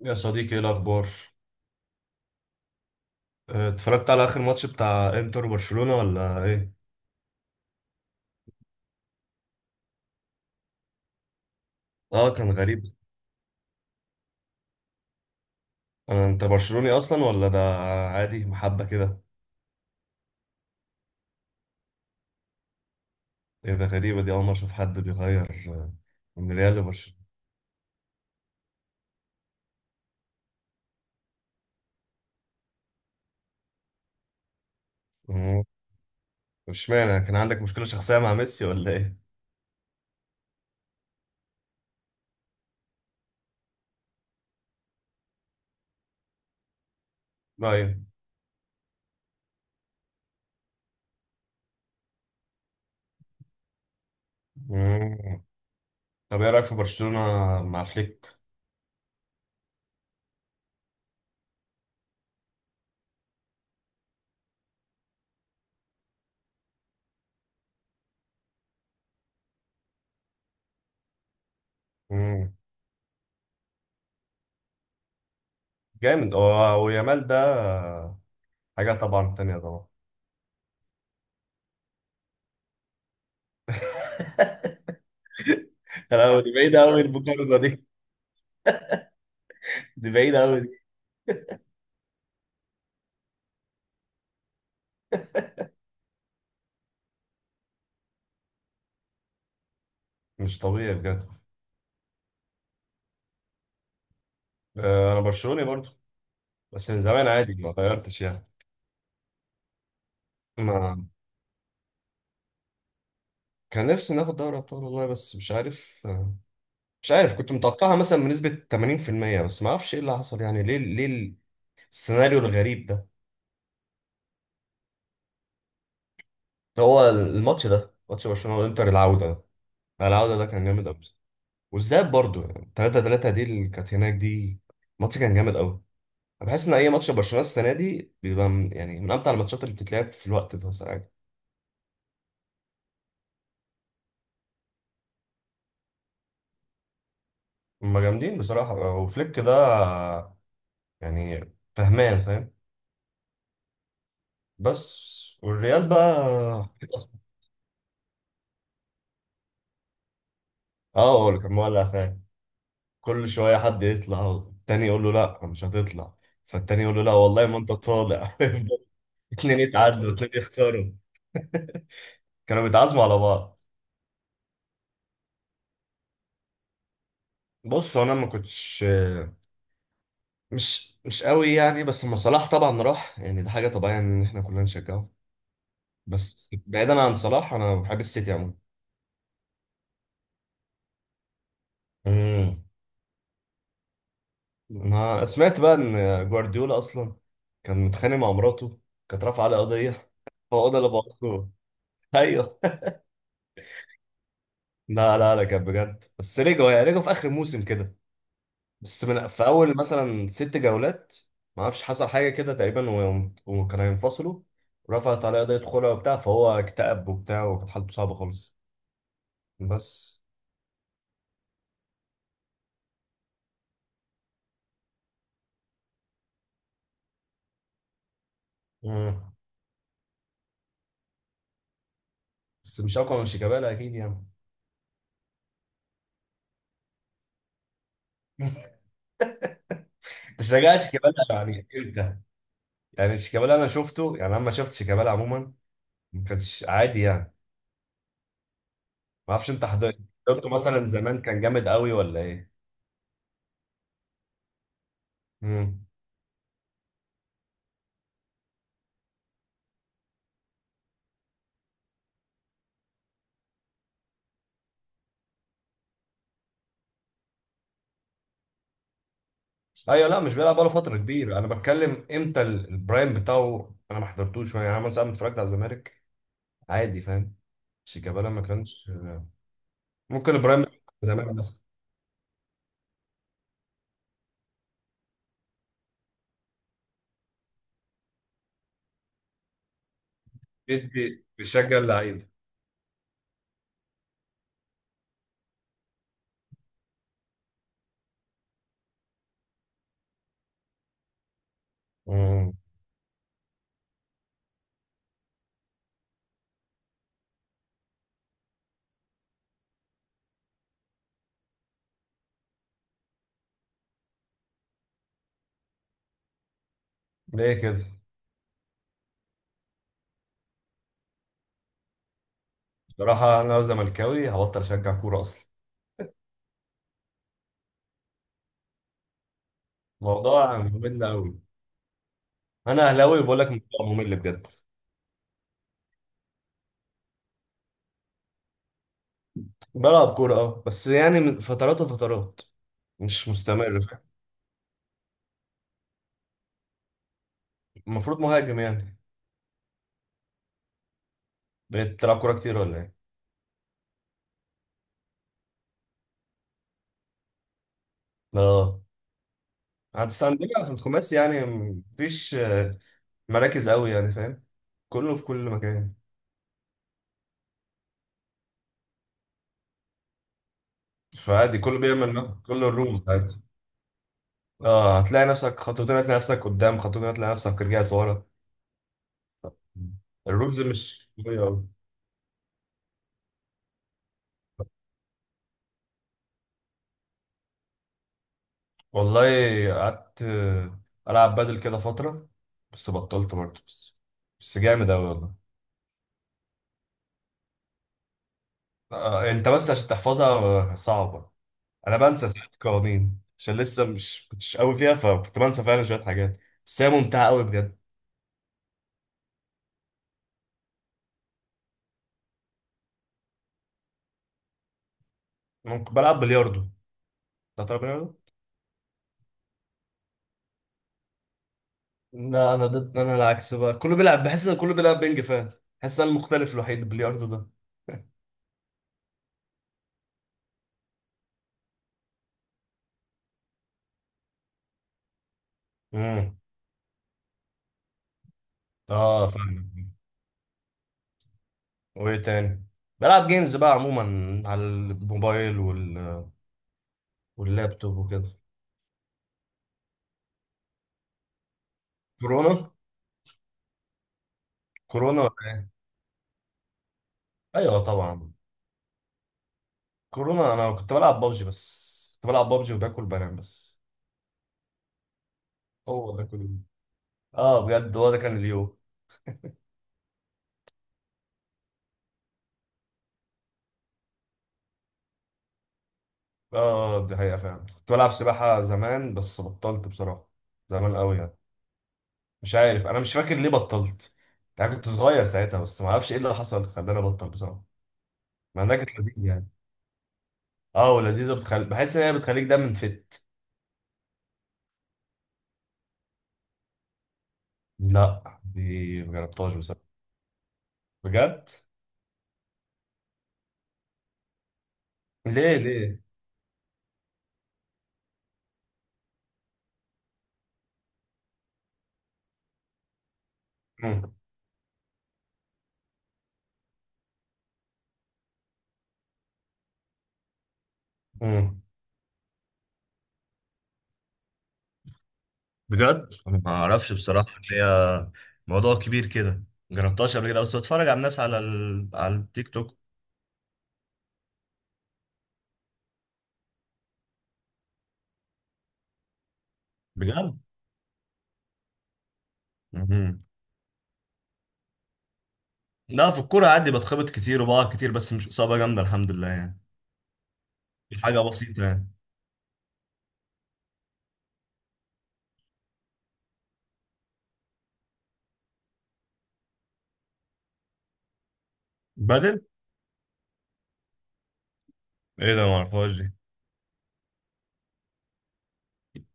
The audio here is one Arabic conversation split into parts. يا صديقي، ايه الاخبار؟ آه، اتفرجت على اخر ماتش بتاع انتر وبرشلونة ولا ايه؟ اه كان غريب. آه، انت برشلوني اصلا ولا ده؟ عادي، محبة كده. ايه ده؟ غريبة دي، اول مرة اشوف حد بيغير آه، من ريال لبرشلونة. مم. اشمعنى، كان عندك مشكلة شخصية مع ميسي ولا ايه؟ طيب. مم. طب، ايه رايك في برشلونة مع فليك؟ مم. جامد هو، ويامال ده حاجة طبعا تانية طبعا. لا، دي بعيدة أوي المقارنة دي. دي بعيدة أوي دي. مش طبيعي بجد. آه، انا برشلوني برضو. بس من زمان، عادي ما غيرتش يعني. ما كان نفسي ناخد دوري ابطال والله، بس مش عارف كنت متوقعها مثلا بنسبة 80%، بس ما اعرفش ايه اللي حصل، يعني ليه ليه السيناريو الغريب ده؟ هو الماتش ده، ماتش برشلونة والانتر، العودة ده كان جامد قوي. والذهاب برضو، يعني 3-3 دي اللي كانت هناك دي، الماتش كان جامد قوي. انا بحس ان اي ماتش برشلونة السنة دي بيبقى من امتع الماتشات اللي بتتلعب في الوقت ده ساعات. هم جامدين بصراحة، وفليك ده يعني فهمان فاهم. بس والريال بقى. اه، هو اللي كان مولع فعلا. كل شويه حد يطلع والتاني يقول له لا مش هتطلع، فالتاني يقول له لا والله ما انت طالع. اتنين يتعادلوا اتنين يختاروا، كانوا بيتعازموا على بعض. بص، هو انا ما كنتش مش قوي يعني، بس لما صلاح طبعا راح، يعني ده حاجه طبيعيه ان احنا كلنا نشجعه. بس بعيدا عن صلاح، انا بحب السيتي عموما. امم. انا سمعت بقى ان جوارديولا اصلا كان متخانق مع مراته، كانت رافعه عليه قضيه، هو ده اللي بوظوه. ايوه. لا لا لا، كان بجد، بس رجعوا في اخر موسم كده. بس من في اول مثلا ست جولات، ما اعرفش حصل حاجه كده تقريبا وكانوا ينفصلوا، رفعت عليه قضيه خلع وبتاع، فهو اكتئب وبتاع، وكانت حالته صعبه خالص. بس. مم. بس مش اقوى من شيكابالا اكيد يعني. انت شجعت شيكابالا يعني امتى؟ يعني شيكابالا، انا شفته، يعني انا لما شفت شيكابالا عموما ما كانش عادي يعني. ما اعرفش انت حضرت، حضرته مثلا زمان كان جامد قوي ولا ايه؟ مم. ايوه، لا مش بيلعب بقاله فتره كبيره، انا بتكلم امتى البرايم بتاعه، انا ما حضرتوش يعني، انا مثلا أما اتفرجت على الزمالك عادي فاهم، شيكابالا ما كانش، ممكن البرايم بتاعه زمان مثلا، بيدي بيشجع اللعيبه. امم. ليه كده؟ بصراحه انا لو زملكاوي هبطل اشجع كوره اصلا. الموضوع ممل قوي. انا اهلاوي بقول لك الموضوع ممل بجد. بلعب كوره اه، بس يعني من فترات وفترات، مش مستمر فاهم؟ المفروض مهاجم يعني. بقيت بتلعب كوره كتير ولا ايه؟ اه، بس عندنا في الخماس يعني مفيش مراكز قوي يعني فاهم، كله في كل مكان. فعادي كله بيعمل كله الروم عادي. اه، هتلاقي نفسك خطوتين، هتلاقي نفسك قدام خطوتين، هتلاقي نفسك رجعت ورا. الرولز مش قوية أوي. والله قعدت ألعب بادل كده فترة، بس بطلت برضه بس. بس جامد أوي والله. آه، أنت بس عشان تحفظها. آه، صعبة. أنا بنسى ساعات قوانين عشان لسه مش كنتش قوي فيها، فكنت بنسى فعلا شوية حاجات. بس هي ممتعة أوي بجد. ممكن بلعب بلياردو. ده، تلعب بلياردو؟ لا، انا ضد، انا العكس بقى، كله بيلعب، بحس ان كله بيلعب بينج فاهم. بحس ان أنا المختلف الوحيد، البلياردو ده. امم. اه فاهم. وايه تاني؟ بلعب جيمز بقى عموما على الموبايل واللابتوب وكده. كورونا. كورونا ولا ايه؟ ايوه طبعا. كورونا انا كنت بلعب بابجي بس، كنت بلعب بابجي وباكل بنام بس. هو ده كله. اه بجد، هو ده كان اليوم. اه، دي حقيقة فعلا، كنت بلعب سباحة زمان بس بطلت بصراحة. زمان قوي يعني. مش عارف، انا مش فاكر ليه بطلت، يعني كنت صغير ساعتها، بس ما اعرفش ايه اللي حصل خلاني ابطل بصراحه. مع انها كانت لذيذه يعني. اه، ولذيذه، بحس ان هي بتخليك دايما. لا، دي ما جربتهاش بصراحه. بجد. ليه ليه؟ مم. مم. بجد أنا ما اعرفش بصراحه، إن هي موضوع كبير كده. ما جربتهاش قبل كده، بس بتفرج على الناس على التيك توك. بجد. مم. لا، في الكوره عادي بتخبط كتير وبقع كتير، بس مش اصابه جامده، الحمد لله يعني. دي حاجه بسيطه يعني. بدل. ايه ده؟ ما اعرفهاش دي.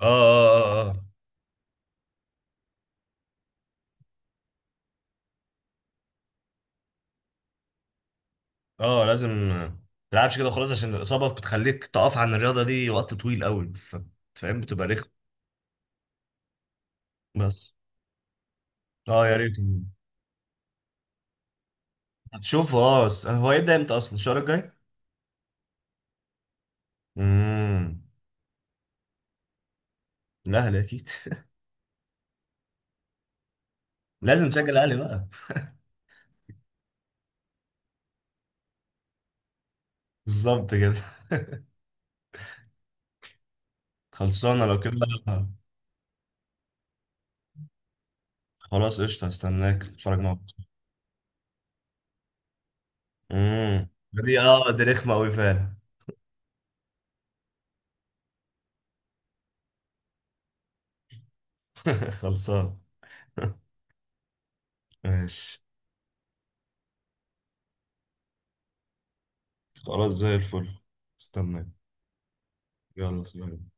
اه اه اه. اه اه. لازم ما تلعبش كده خلاص، عشان الاصابه بتخليك تقف عن الرياضه دي وقت طويل قوي، فاهم، بتبقى رخم. بس. اه يا ريت. هتشوف، اه بس هو هيبدا امتى اصلا؟ الشهر الجاي. امم. الاهلي اكيد. لازم تشجع الاهلي بقى. بالظبط كده. خلصانه لو كده بقى. خلاص قشطه، هستناك اتفرج معاك. امم. دي رخمه قوي فعلا. خلصانه. ماشي خلاص زي الفل. استناك. يلا سلام.